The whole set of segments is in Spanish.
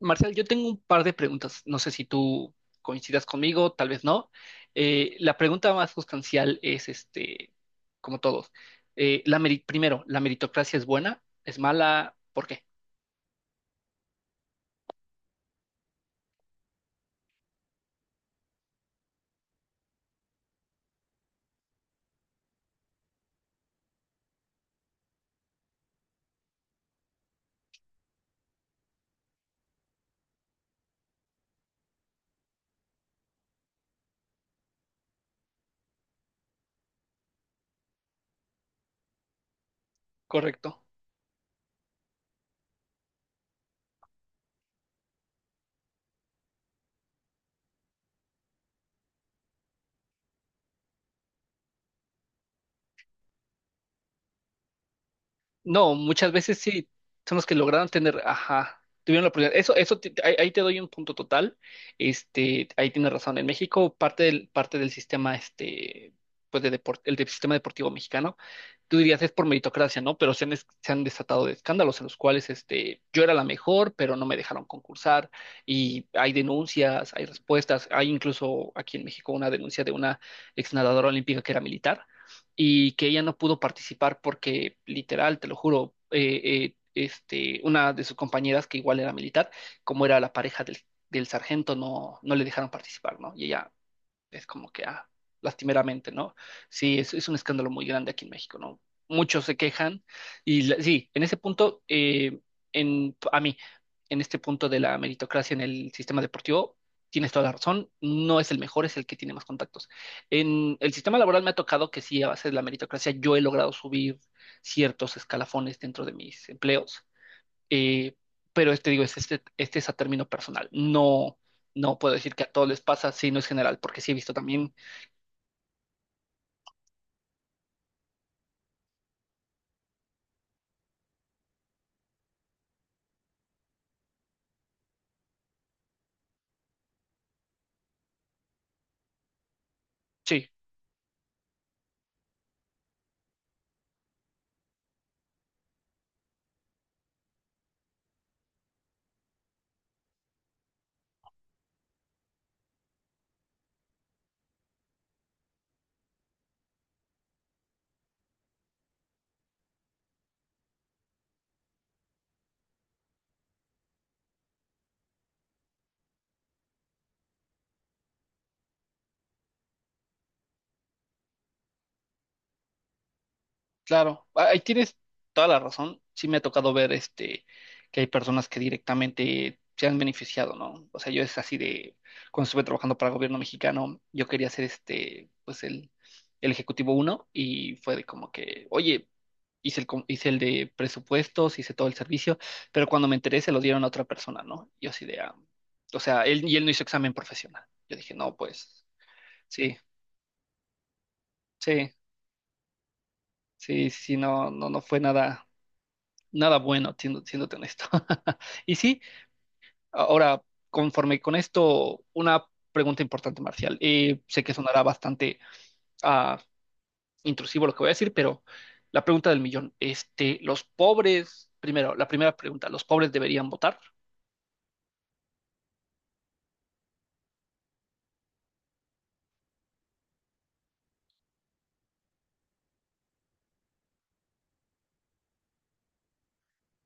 Marcial, yo tengo un par de preguntas. No sé si tú coincidas conmigo, tal vez no. La pregunta más sustancial es, como todos, primero, ¿la meritocracia es buena? ¿Es mala? ¿Por qué? Correcto. No, muchas veces sí, son los que lograron tener, ajá, tuvieron la oportunidad. Eso, ahí te doy un punto total. Ahí tienes razón. En México, parte del sistema, pues de deporte, sistema deportivo mexicano tú dirías es por meritocracia, ¿no? Pero se han desatado de escándalos en los cuales yo era la mejor, pero no me dejaron concursar, y hay denuncias, hay respuestas, hay incluso aquí en México una denuncia de una exnadadora olímpica que era militar y que ella no pudo participar porque literal, te lo juro, una de sus compañeras que igual era militar, como era la pareja del sargento, no, no le dejaron participar, ¿no? Y ella es como que, lastimeramente, ¿no? Sí, es un escándalo muy grande aquí en México, ¿no? Muchos se quejan sí, en ese punto, a mí, en este punto de la meritocracia en el sistema deportivo, tienes toda la razón, no es el mejor, es el que tiene más contactos. En el sistema laboral me ha tocado que sí, a base de la meritocracia, yo he logrado subir ciertos escalafones dentro de mis empleos. eh, Digo, este es a término personal. No, no puedo decir que a todos les pasa, sí, no es general, porque sí he visto también, sí, claro. Ahí tienes toda la razón. Sí me ha tocado ver que hay personas que directamente se han beneficiado, ¿no? O sea, yo es así de, cuando estuve trabajando para el gobierno mexicano, yo quería ser pues el ejecutivo uno, y fue de como que, oye, hice el de presupuestos, hice todo el servicio, pero cuando me enteré se lo dieron a otra persona, ¿no? Yo así de, o sea, y él no hizo examen profesional. Yo dije, no, pues, sí, sí, sí, sí, no, no, no fue nada, nada bueno, siéndote honesto. Y sí, ahora, conforme con esto, una pregunta importante, Marcial. Sé que sonará bastante ah, intrusivo lo que voy a decir, pero la pregunta del millón, los pobres, primero, la primera pregunta, ¿los pobres deberían votar?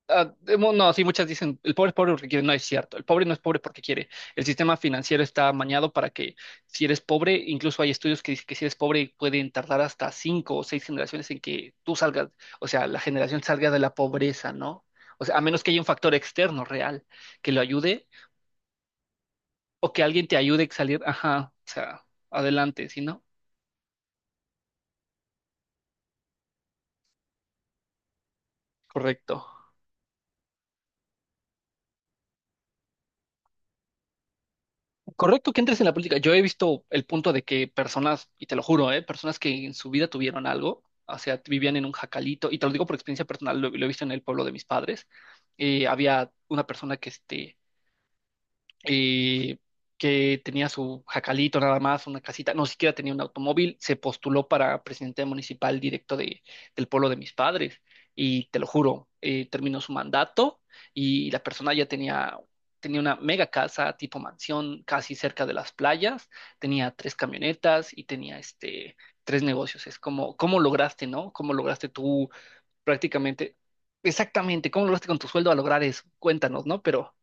No, sí, muchas dicen, el pobre es pobre porque quiere, no es cierto, el pobre no es pobre porque quiere, el sistema financiero está amañado para que si eres pobre, incluso hay estudios que dicen que si eres pobre pueden tardar hasta 5 o 6 generaciones en que tú salgas, o sea, la generación salga de la pobreza, ¿no? O sea, a menos que haya un factor externo real que lo ayude o que alguien te ayude a salir, ajá, o sea, adelante, ¿sí, no? Correcto. Correcto que entres en la política. Yo he visto el punto de que personas, y te lo juro, ¿eh? Personas que en su vida tuvieron algo, o sea, vivían en un jacalito, y te lo digo por experiencia personal, lo he visto en el pueblo de mis padres. Había una persona eh, que tenía su jacalito nada más, una casita, no siquiera tenía un automóvil, se postuló para presidente municipal directo del pueblo de mis padres. Y te lo juro, terminó su mandato y la persona ya tenía una mega casa tipo mansión casi cerca de las playas, tenía tres camionetas y tenía tres negocios. Es como, ¿cómo lograste, no? ¿Cómo lograste tú prácticamente, exactamente, cómo lograste con tu sueldo a lograr eso? Cuéntanos, ¿no? Pero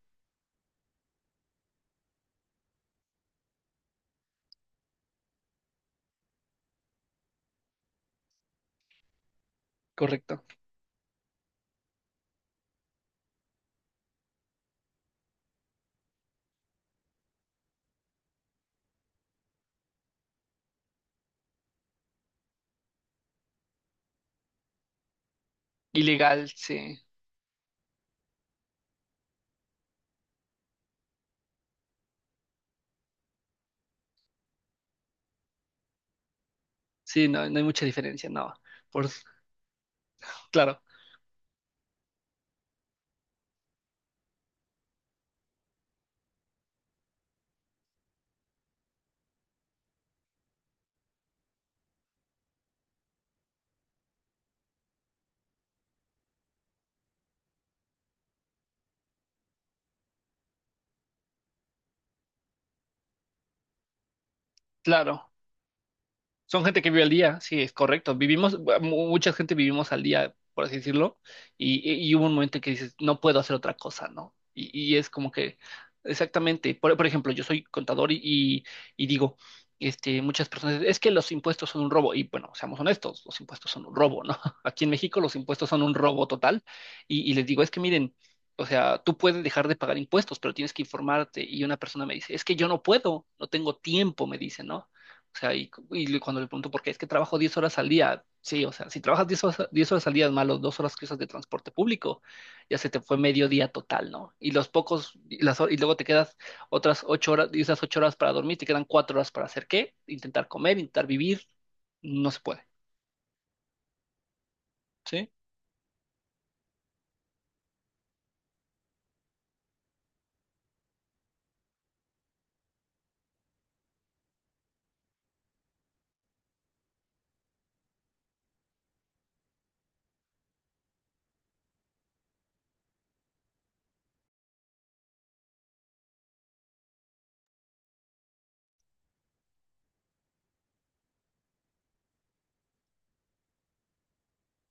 correcto. Ilegal, sí. Sí, no, no hay mucha diferencia, no. Por, claro, claro. Son gente que vive al día, sí, es correcto. Mucha gente vivimos al día, por así decirlo, y, y hubo un momento en que dices, no puedo hacer otra cosa, ¿no? Y es como que, exactamente, por ejemplo, yo soy contador y, y digo, muchas personas, es que los impuestos son un robo, y bueno, seamos honestos, los impuestos son un robo, ¿no? Aquí en México los impuestos son un robo total, y les digo, es que miren, o sea, tú puedes dejar de pagar impuestos, pero tienes que informarte, y una persona me dice, es que yo no puedo, no tengo tiempo, me dice, ¿no? O sea, y cuando le pregunto por qué, es que trabajo 10 horas al día. Sí, o sea, si trabajas 10 horas, 10 horas al día, más los 2 horas que usas de transporte público, ya se te fue medio día total, ¿no? Y los pocos, y, las, hor- Y luego te quedas otras 8 horas, y esas 8 horas para dormir, te quedan 4 horas para hacer qué? Intentar comer, intentar vivir, no se puede, ¿sí?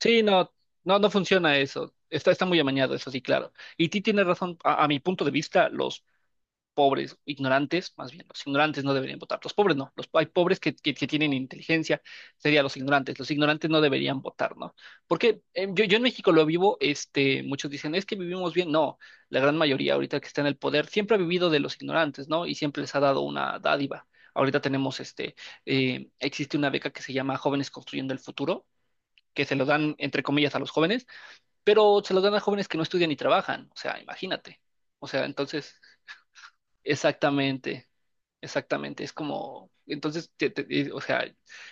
Sí, no, no, no funciona eso. Está muy amañado, eso sí, claro. Y ti tienes razón, a mi punto de vista, los pobres, ignorantes, más bien, los ignorantes no deberían votar, los pobres no, hay pobres que, que tienen inteligencia, serían los ignorantes no deberían votar, ¿no? Porque yo, yo en México lo vivo, muchos dicen, es que vivimos bien, no, la gran mayoría ahorita que está en el poder siempre ha vivido de los ignorantes, ¿no? Y siempre les ha dado una dádiva. Ahorita existe una beca que se llama Jóvenes Construyendo el Futuro, que se lo dan, entre comillas, a los jóvenes, pero se lo dan a jóvenes que no estudian ni trabajan, o sea, imagínate. O sea, entonces, exactamente. Exactamente, es como, entonces, o sea,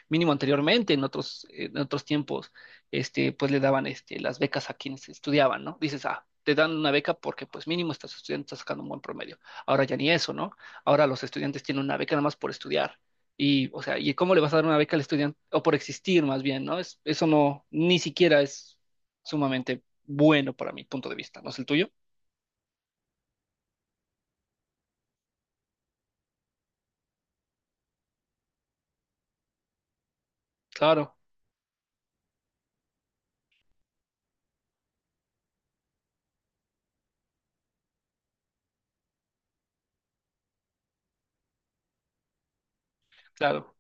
mínimo anteriormente, en otros tiempos, pues le daban las becas a quienes estudiaban, ¿no? Dices, te dan una beca porque pues mínimo estás estudiando, estás sacando un buen promedio. Ahora ya ni eso, ¿no? Ahora los estudiantes tienen una beca nada más por estudiar. Y, o sea, ¿y cómo le vas a dar una beca al estudiante? O por existir, más bien, ¿no? Eso no, ni siquiera es sumamente bueno para mi punto de vista, ¿no es el tuyo? Claro, claro.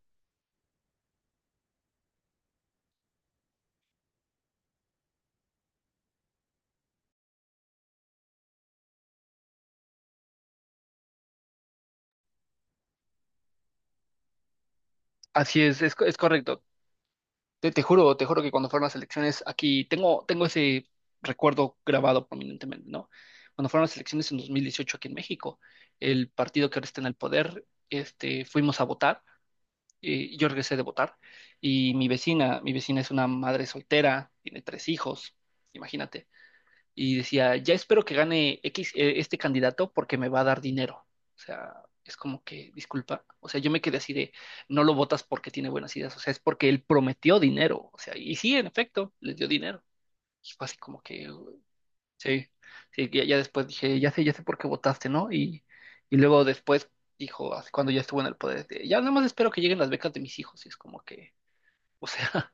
Así es, es correcto. Te juro, te juro que cuando fueron las elecciones, aquí tengo, tengo ese recuerdo grabado prominentemente, ¿no? Cuando fueron las elecciones en 2018 aquí en México, el partido que ahora está en el poder, fuimos a votar, yo regresé de votar, y mi vecina es una madre soltera, tiene tres hijos, imagínate, y decía, ya espero que gane X, este candidato porque me va a dar dinero. O sea, es como que, disculpa, o sea, yo me quedé así de, no lo votas porque tiene buenas ideas, o sea, es porque él prometió dinero, o sea, y sí, en efecto, les dio dinero. Y fue así como que, sí, sí, ya después dije, ya sé por qué votaste, ¿no? Y luego después dijo, así cuando ya estuvo en el poder, ya nada más espero que lleguen las becas de mis hijos, y es como que, o sea,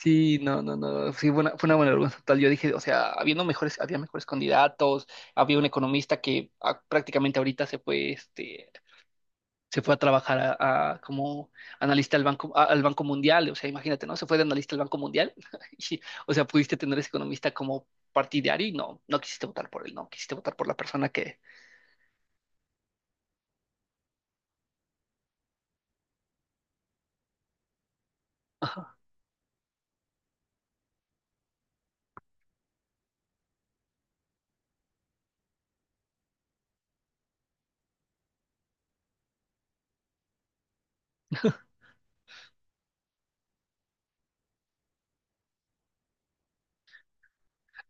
sí, no, no, no, sí, fue una buena vergüenza total. Yo dije, o sea, habiendo mejores, había mejores candidatos, había un economista que prácticamente ahorita se fue, se fue a trabajar a como analista al banco, al Banco Mundial, o sea, imagínate, ¿no? Se fue de analista al Banco Mundial, y, o sea, pudiste tener ese economista como partidario y no, no quisiste votar por él, no, quisiste votar por la persona que...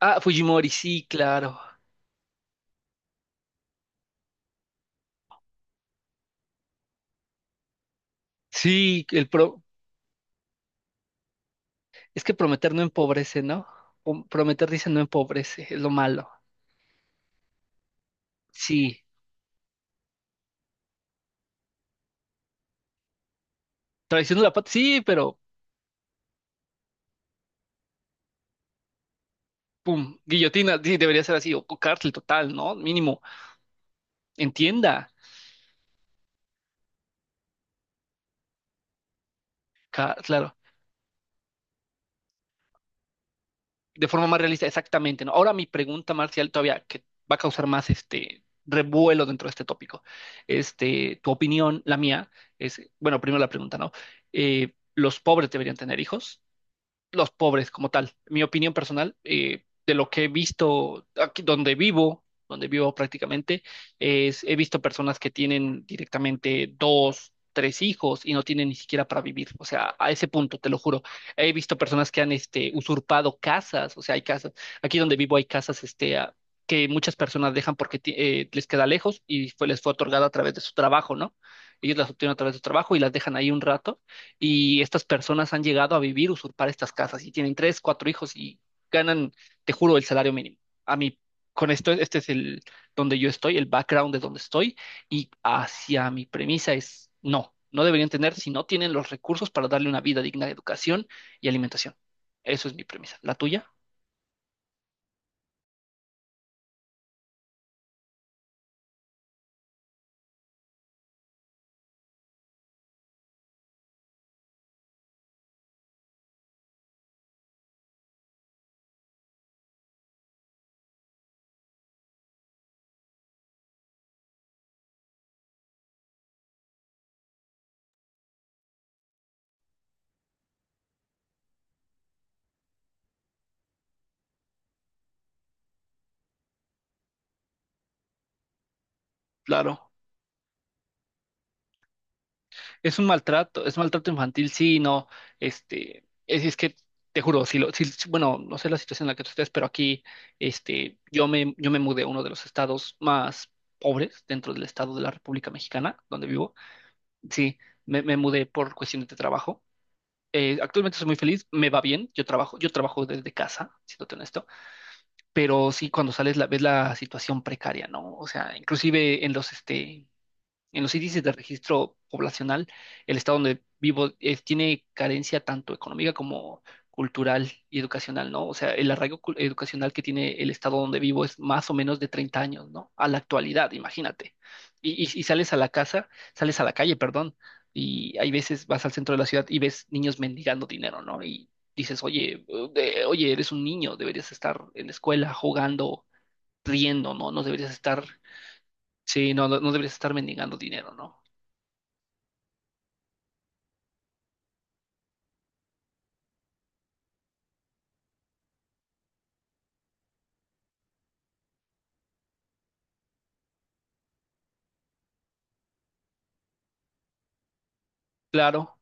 Fujimori, sí, claro. Sí, es que prometer no empobrece, ¿no? Prometer dice no empobrece, es lo malo. Sí. Traición de la patria, sí, pero pum, guillotina, sí, debería ser así, o cárcel total, ¿no? Mínimo, entienda, claro, de forma más realista, exactamente, ¿no? Ahora mi pregunta, Marcial, todavía, que va a causar más este revuelo dentro de este tópico. Tu opinión, la mía, es, bueno, primero la pregunta, ¿no? ¿Los pobres deberían tener hijos? Los pobres como tal. Mi opinión personal, de lo que he visto aquí donde vivo prácticamente, es he visto personas que tienen directamente dos, tres hijos y no tienen ni siquiera para vivir. O sea, a ese punto, te lo juro. He visto personas que han usurpado casas, o sea, hay casas, aquí donde vivo hay casas que muchas personas dejan porque les queda lejos y les fue otorgada a través de su trabajo, ¿no? Ellos las obtienen a través de su trabajo y las dejan ahí un rato, y estas personas han llegado a vivir, usurpar estas casas, y tienen tres, cuatro hijos y ganan, te juro, el salario mínimo. A mí, con esto, este es el donde yo estoy, el background de donde estoy, y hacia mi premisa es no, no deberían tener si no tienen los recursos para darle una vida digna de educación y alimentación. Eso es mi premisa. ¿La tuya? Claro. Es un maltrato, es maltrato infantil, sí, no, es que te juro, si lo, si, si- bueno, no sé la situación en la que tú estés, pero aquí, yo me mudé a uno de los estados más pobres dentro del estado de la República Mexicana, donde vivo. Sí, me mudé por cuestiones de trabajo. Actualmente soy muy feliz, me va bien, yo trabajo desde casa, siéndote honesto, pero sí cuando ves la situación precaria, ¿no? O sea, inclusive en los, en los índices de registro poblacional, el estado donde vivo tiene carencia tanto económica como cultural y educacional, ¿no? O sea, el arraigo educacional que tiene el estado donde vivo es más o menos de 30 años, ¿no? A la actualidad, imagínate. Y, y sales a la casa, sales a la calle, perdón, y hay veces vas al centro de la ciudad y ves niños mendigando dinero, ¿no? Y dices, oye, oye, eres un niño, deberías estar en la escuela jugando, riendo, ¿no? No deberías estar, sí, no, no no deberías estar mendigando dinero, ¿no? Claro,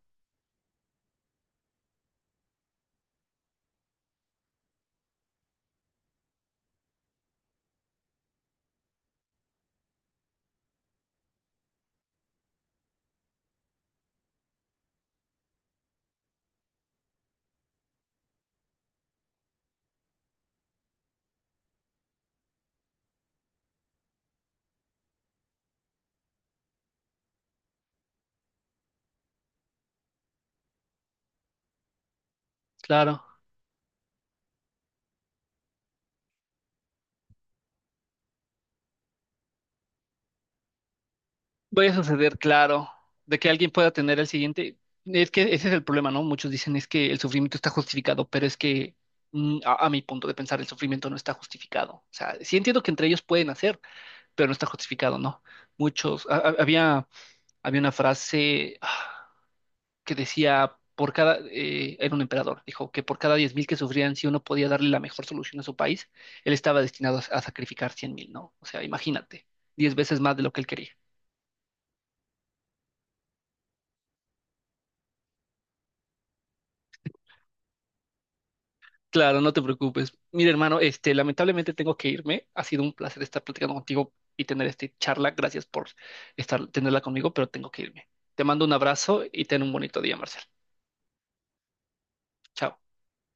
claro. Voy a suceder, claro, de que alguien pueda tener el siguiente. Es que ese es el problema, ¿no? Muchos dicen es que el sufrimiento está justificado, pero es que a mi punto de pensar el sufrimiento no está justificado. O sea, sí entiendo que entre ellos pueden hacer, pero no está justificado, ¿no? Muchos, ha- ha- había, Había una frase que decía, era un emperador, dijo que por cada 10.000 que sufrían, si uno podía darle la mejor solución a su país, él estaba destinado a sacrificar 100.000, ¿no? O sea, imagínate, 10 veces más de lo que él quería. Claro, no te preocupes. Mira, hermano, lamentablemente tengo que irme. Ha sido un placer estar platicando contigo y tener esta charla. Gracias por tenerla conmigo, pero tengo que irme. Te mando un abrazo y ten un bonito día, Marcel. Chao.